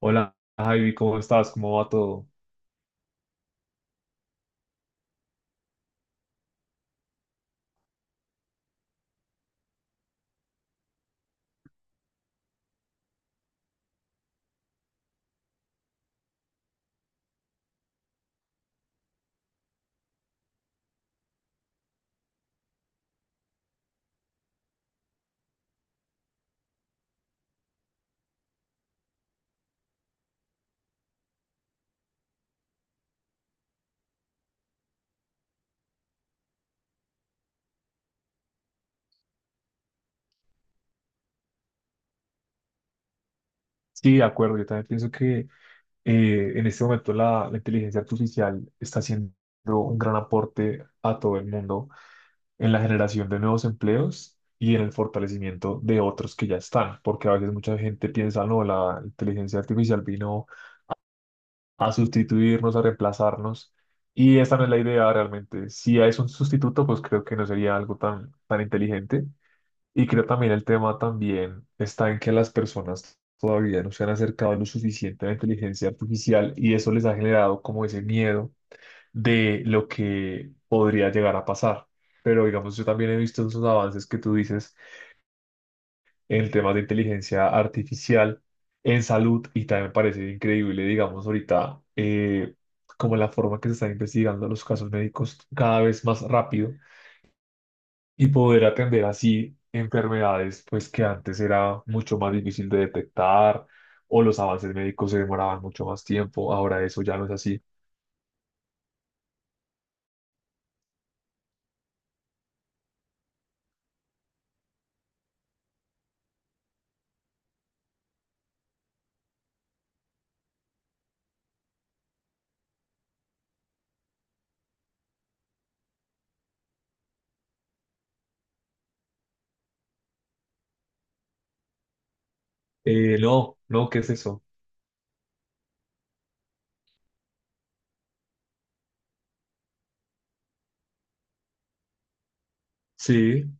Hola, Javi, ¿cómo estás? ¿Cómo va todo? Sí, de acuerdo, yo también pienso que en este momento la inteligencia artificial está haciendo un gran aporte a todo el mundo en la generación de nuevos empleos y en el fortalecimiento de otros que ya están, porque a veces mucha gente piensa, no, la inteligencia artificial vino a sustituirnos, a reemplazarnos, y esta no es la idea realmente. Si es un sustituto, pues creo que no sería algo tan inteligente. Y creo también el tema también está en que las personas todavía no se han acercado lo suficiente a la inteligencia artificial y eso les ha generado como ese miedo de lo que podría llegar a pasar. Pero digamos, yo también he visto esos avances que tú dices en temas de inteligencia artificial en salud y también me parece increíble, digamos, ahorita como la forma que se están investigando los casos médicos cada vez más rápido y poder atender así enfermedades pues que antes era mucho más difícil de detectar, o los avances médicos se demoraban mucho más tiempo, ahora eso ya no es así. No, no, ¿qué es eso? Sí,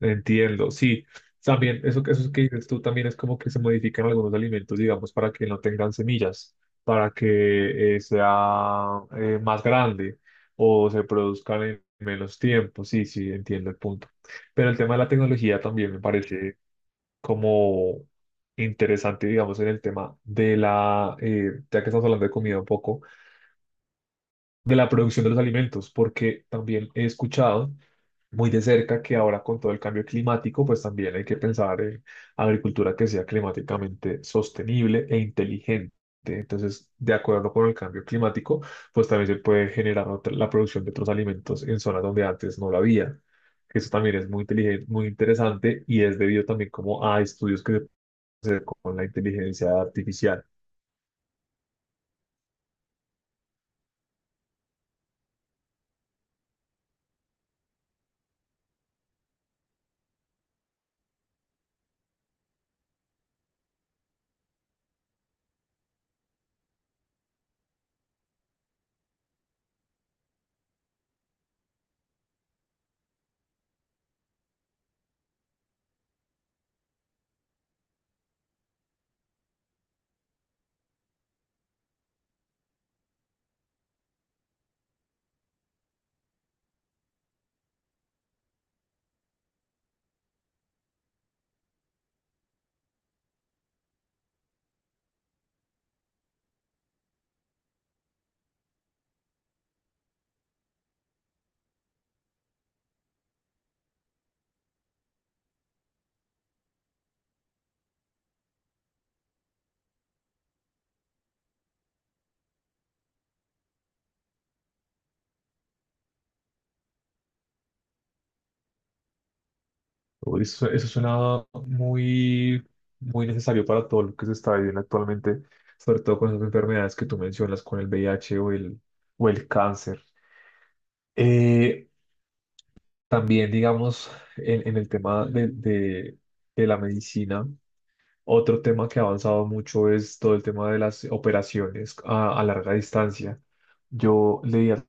entiendo, sí. También eso, eso que dices tú también es como que se modifican algunos alimentos, digamos, para que no tengan semillas, para que sea más grande o se produzcan en menos tiempo. Sí, sí, entiendo el punto. Pero el tema de la tecnología también me parece como interesante, digamos, en el tema de ya que estamos hablando de comida un poco, de la producción de los alimentos, porque también he escuchado muy de cerca que ahora con todo el cambio climático, pues también hay que pensar en agricultura que sea climáticamente sostenible e inteligente. Entonces, de acuerdo con el cambio climático, pues también se puede generar la producción de otros alimentos en zonas donde antes no la había. Que Eso también es muy inteligente, muy interesante y es debido también como a estudios que se pueden hacer con la inteligencia artificial. Uy, eso suena muy, muy necesario para todo lo que se está viviendo actualmente, sobre todo con esas enfermedades que tú mencionas, con el V I H o el cáncer. Eh, también, digamos, en el tema de la medicina, otro tema que ha avanzado mucho es todo el tema de las operaciones a larga distancia. Yo leía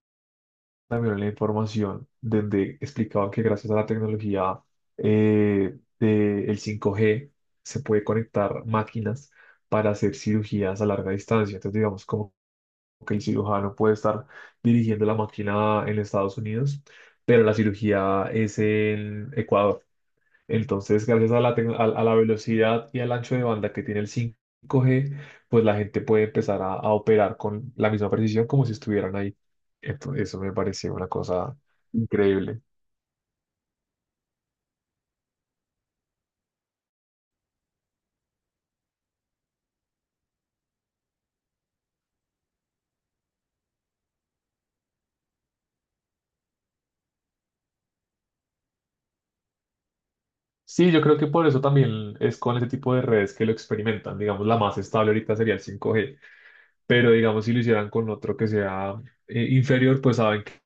también la información donde explicaba que gracias a la tecnología del 5G se puede conectar máquinas para hacer cirugías a larga distancia. Entonces, digamos, como que el cirujano puede estar dirigiendo la máquina en Estados Unidos, pero la cirugía es en Ecuador. Entonces, gracias a a la velocidad y al ancho de banda que tiene el 5G, pues la gente puede empezar a operar con la misma precisión como si estuvieran ahí. Entonces, eso me pareció una cosa increíble. Sí, yo creo que por eso también es con ese tipo de redes que lo experimentan. Digamos, la más estable ahorita sería el 5G, pero digamos, si lo hicieran con otro que sea inferior, pues saben que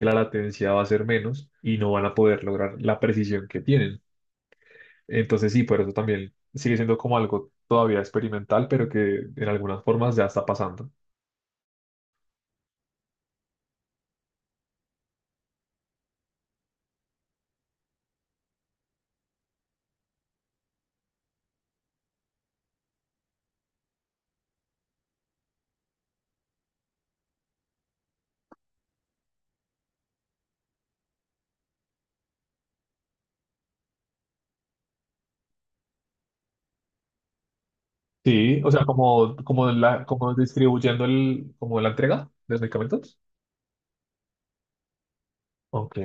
la latencia va a ser menos y no van a poder lograr la precisión que tienen. Entonces sí, por eso también sigue siendo como algo todavía experimental, pero que en algunas formas ya está pasando. Sí, o sea, como distribuyendo como la entrega de los medicamentos. Ok.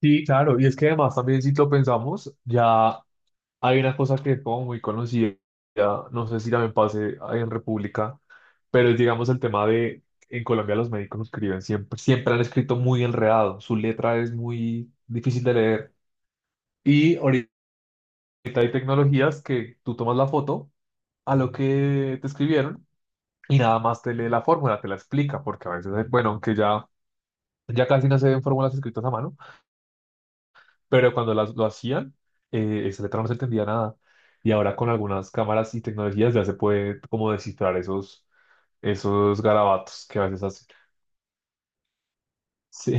Sí, claro, y es que además también si lo pensamos, ya hay una cosa que es como muy conocida, no sé si también pase ahí en República, pero es digamos el tema de, en Colombia los médicos escriben siempre, siempre han escrito muy enredado, su letra es muy difícil de leer. Y ahorita hay tecnologías que tú tomas la foto a lo que te escribieron y nada más te lee la fórmula, te la explica, porque a veces, bueno, aunque ya casi no se ven fórmulas escritas a mano, pero cuando lo hacían, esa letra no se entendía nada. Y ahora con algunas cámaras y tecnologías ya se puede como descifrar esos, esos garabatos que a veces hacen. Sí.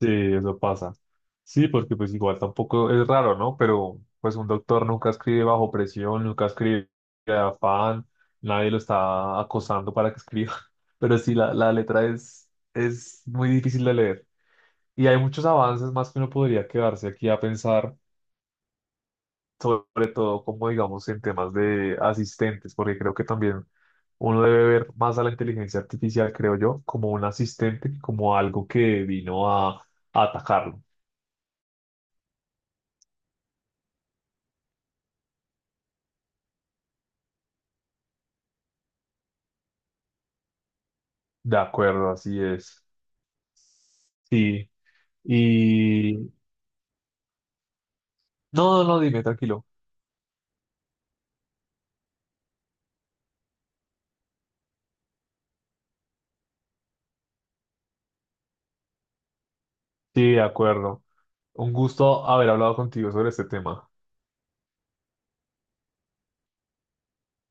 Sí, eso pasa. Sí, porque pues igual tampoco es raro, ¿no? Pero pues un doctor nunca escribe bajo presión, nunca escribe de afán, nadie lo está acosando para que escriba. Pero sí, la letra es muy difícil de leer. Y hay muchos avances más que uno podría quedarse aquí a pensar, sobre todo como digamos en temas de asistentes, porque creo que también uno debe ver más a la inteligencia artificial, creo yo, como un asistente que como algo que vino a atacarlo. De acuerdo, así es. Sí. Y... No, no, no, dime, tranquilo. Sí, de acuerdo. Un gusto haber hablado contigo sobre este tema.